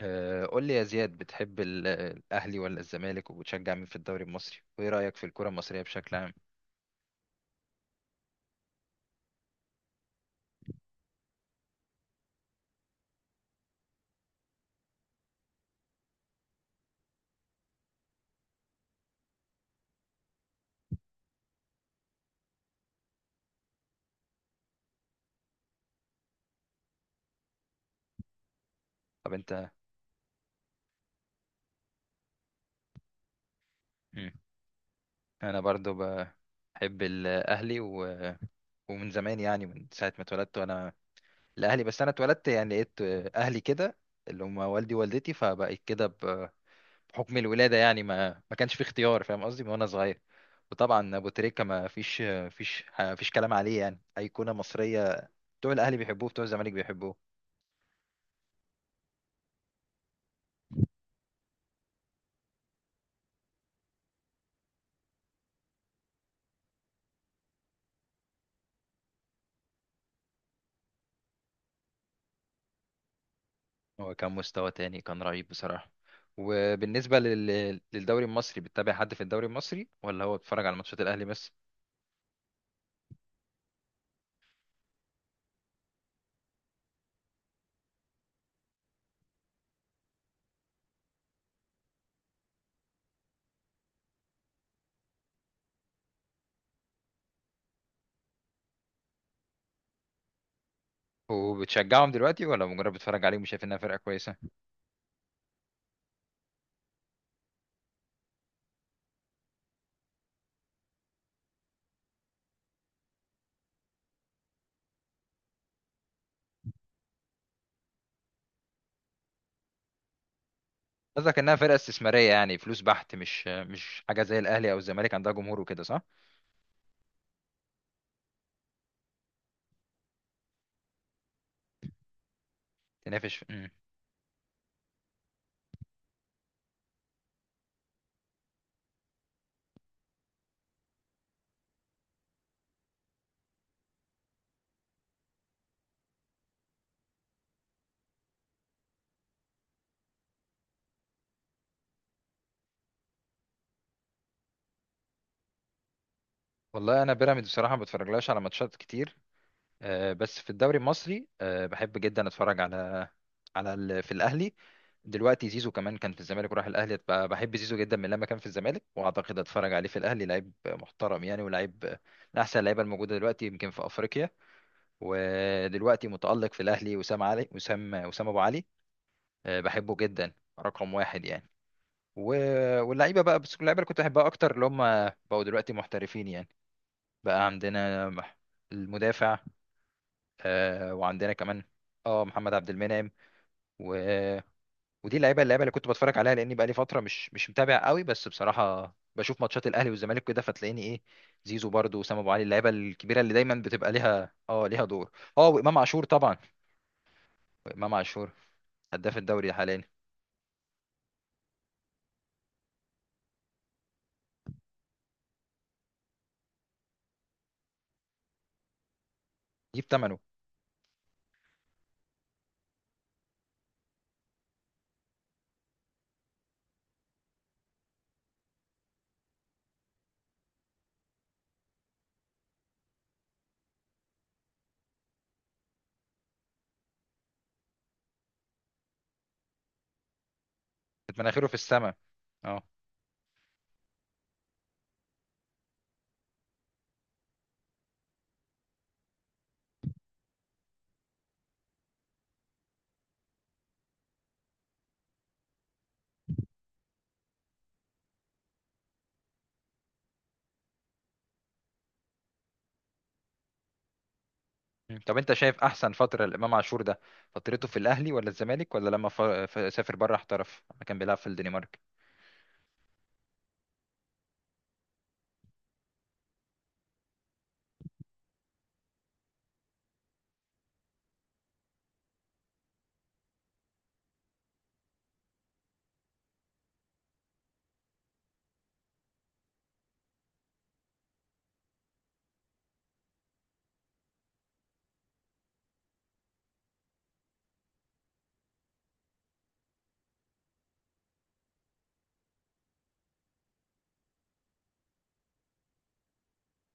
قول لي يا زياد، بتحب الأهلي ولا الزمالك، وبتشجع مين في الدوري المصري، وإيه رأيك في الكرة المصرية بشكل عام؟ طب أنت. مم. أنا برضو بحب الأهلي و... ومن زمان، يعني من ساعة ما اتولدت وأنا الأهلي. بس أنا اتولدت يعني لقيت أهلي كده، اللي هم والدي ووالدتي، فبقيت كده بحكم الولادة. يعني ما كانش في اختيار، فاهم قصدي، من وأنا صغير. وطبعا أبو تريكة ما فيش فيش كلام عليه، يعني أيقونة مصرية، بتوع الأهلي بيحبوه، بتوع الزمالك بيحبوه. هو كان مستوى تاني، كان رهيب بصراحة. وبالنسبة للدوري المصري، بتتابع حد في الدوري المصري، ولا هو بتتفرج على ماتشات الأهلي بس؟ وبتشجعهم دلوقتي، ولا مجرد بتتفرج عليهم وشايف إنها فرقة كويسة؟ قصدك إنها فرقة استثمارية، يعني فلوس بحت، مش حاجة زي الأهلي أو الزمالك، عندها جمهور وكده، صح؟ تنافس. مم. والله أنا بيراميدز بصراحة ما بتفرجلهاش على ماتشات كتير. بس في الدوري المصري، بحب جدا اتفرج على على في الاهلي دلوقتي. زيزو كمان كان في الزمالك وراح الاهلي، بحب زيزو جدا من لما كان في الزمالك، واعتقد اتفرج عليه في الاهلي. لعيب محترم يعني، ولاعيب من احسن اللعيبه الموجوده دلوقتي يمكن في افريقيا. ودلوقتي متالق في الاهلي وسام علي، وسام ابو علي، بحبه جدا، رقم واحد يعني. واللعيبه بقى، بس اللعيبه اللي كنت احبها اكتر، اللي هم بقوا دلوقتي محترفين يعني. بقى عندنا المدافع، آه، وعندنا كمان، اه محمد عبد المنعم، و... ودي اللعيبه، اللعيبه اللي كنت بتفرج عليها، لاني بقالي فتره مش متابع قوي. بس بصراحه بشوف ماتشات الاهلي والزمالك كده، فتلاقيني ايه، زيزو برضو، وسام ابو علي، اللعيبه الكبيره اللي دايما بتبقى ليها اه ليها دور. اه وامام عاشور طبعا. امام عاشور هداف الدوري حاليا، يجيب ثمنه. كانت مناخيره في السماء. اه. مم. طب انت شايف احسن فتره لامام عاشور ده، فترته في الاهلي، ولا الزمالك، ولا لما سافر بره احترف لما كان بيلعب في الدنمارك؟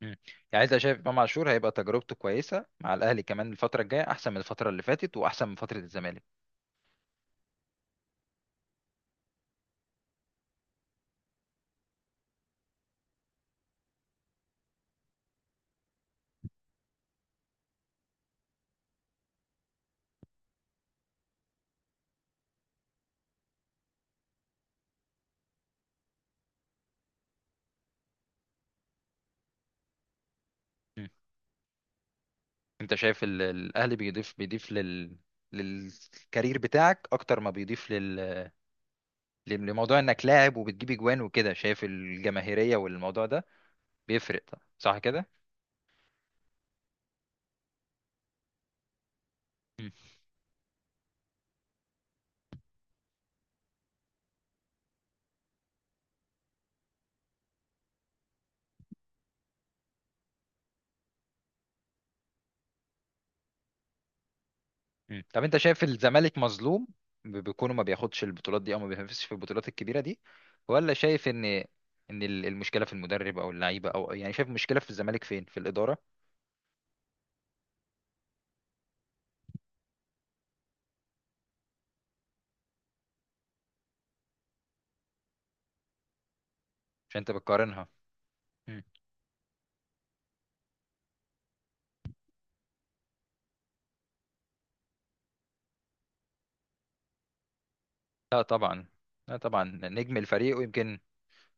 مم. يعني انت شايف امام عاشور هيبقى تجربته كويسه مع الاهلي كمان الفتره الجايه، احسن من الفتره اللي فاتت، واحسن من فتره الزمالك؟ مم. انت شايف الاهلي بيضيف لل للكارير بتاعك، اكتر ما بيضيف لموضوع انك لاعب وبتجيب اجوان وكده؟ شايف الجماهيريه والموضوع ده بيفرق طبعا، صح كده؟ مم. مم. طب انت شايف الزمالك مظلوم بكونه ما بياخدش البطولات دي، او ما بينافسش في البطولات الكبيره دي؟ ولا شايف ان ان المشكله في المدرب او اللعيبه، او يعني شايف المشكله في الزمالك فين، في الاداره؟ مش انت بتقارنها. مم. لا طبعا. لا طبعا، نجم الفريق، ويمكن،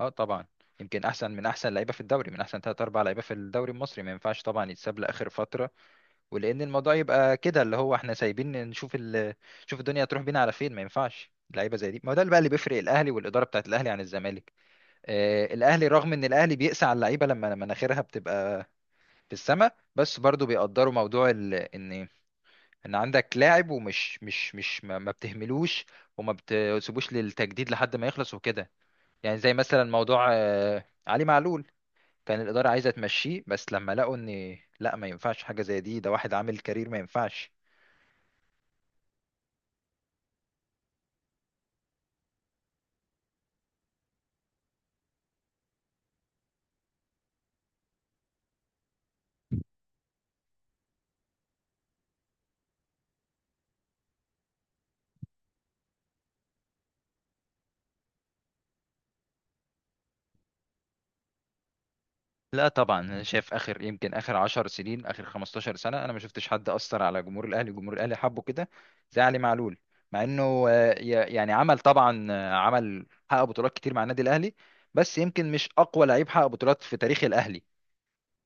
اه طبعا، يمكن احسن من احسن لعيبه في الدوري، من احسن ثلاث اربع لعيبه في الدوري المصري، ما ينفعش طبعا يتساب لاخر فتره. ولان الموضوع يبقى كده، اللي هو احنا سايبين نشوف نشوف الدنيا تروح بينا على فين، ما ينفعش لعيبه زي دي. ما هو ده اللي بقى اللي بيفرق الاهلي والاداره بتاعت الاهلي عن الزمالك. آه الاهلي، رغم ان الاهلي بيقسى على اللعيبه لما مناخيرها بتبقى في السماء، بس برضو بيقدروا موضوع ان ان عندك لاعب، ومش مش مش ما بتهملوش وما بتسيبوش للتجديد لحد ما يخلص وكده. يعني زي مثلا موضوع علي معلول. كان الإدارة عايزة تمشيه، بس لما لقوا ان لا ما ينفعش حاجة زي دي، ده واحد عامل كارير، ما ينفعش. لا طبعا، انا شايف اخر يمكن اخر 10 سنين، اخر 15 سنه، انا ما شفتش حد اثر على جمهور الاهلي، جمهور الاهلي حبه كده زي علي معلول. مع انه يعني عمل طبعا، عمل حقق بطولات كتير مع النادي الاهلي، بس يمكن مش اقوى لعيب حقق بطولات في تاريخ الاهلي.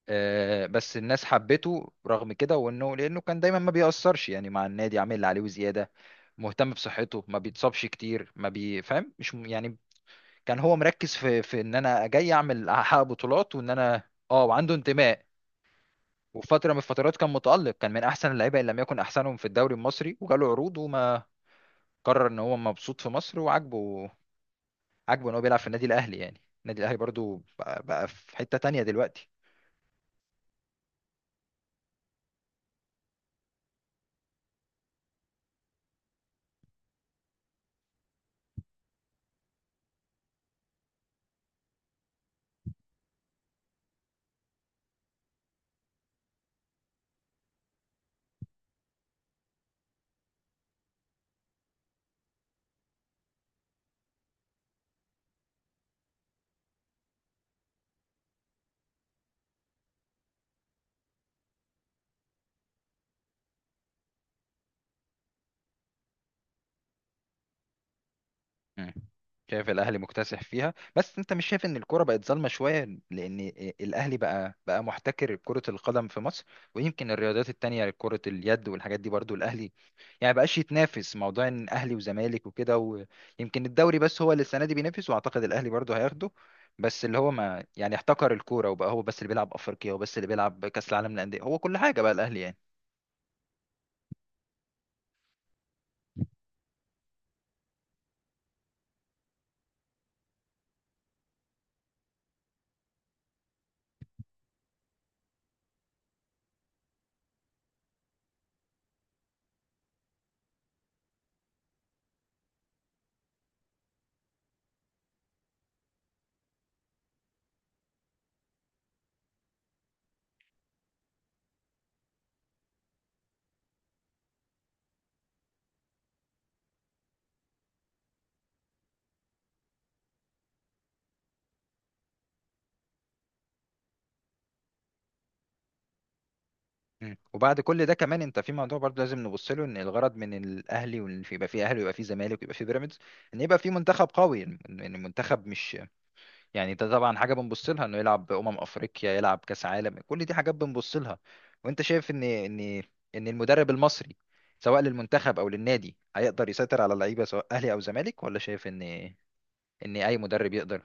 بس الناس حبته رغم كده، وانه لانه كان دايما ما بيأثرش يعني مع النادي، عامل اللي عليه وزياده، مهتم بصحته، ما بيتصابش كتير، ما بيفهم، مش م- يعني كان هو مركز في في ان انا جاي اعمل، احقق بطولات، وان انا اه، وعنده انتماء. وفي فتره من الفترات كان متألق، كان من احسن اللعيبه ان لم يكن احسنهم في الدوري المصري، وجاله عروض، وما قرر ان هو مبسوط في مصر وعاجبه، عاجبه ان هو بيلعب في النادي الاهلي، يعني النادي الاهلي برضو بقى في حته تانية دلوقتي. مم. شايف الاهلي مكتسح فيها، بس انت مش شايف ان الكوره بقت ظالمه شويه لان الاهلي بقى محتكر كره القدم في مصر؟ ويمكن الرياضات التانية، يعني كره اليد والحاجات دي برضو الاهلي، يعني بقاش يتنافس موضوع ان اهلي وزمالك وكده، ويمكن الدوري بس هو اللي السنه دي بينافس، واعتقد الاهلي برضو هياخده. بس اللي هو ما يعني احتكر الكوره، وبقى هو بس اللي بيلعب افريقيا، وبس اللي بيلعب كاس العالم للانديه، هو كل حاجه بقى الاهلي يعني. مم. وبعد كل ده كمان، انت في موضوع برضه لازم نبص له، ان الغرض من الاهلي وان يبقى فيه اهلي ويبقى فيه زمالك ويبقى فيه بيراميدز، ان يبقى فيه منتخب قوي، ان إن المنتخب مش يعني، ده طبعا حاجه بنبص لها، انه يلعب افريقيا، يلعب كاس عالم، كل دي حاجات بنبص لها. وانت شايف ان ان ان المدرب المصري، سواء للمنتخب او للنادي، هيقدر يسيطر على اللعيبه سواء اهلي او زمالك، ولا شايف ان ان اي مدرب يقدر؟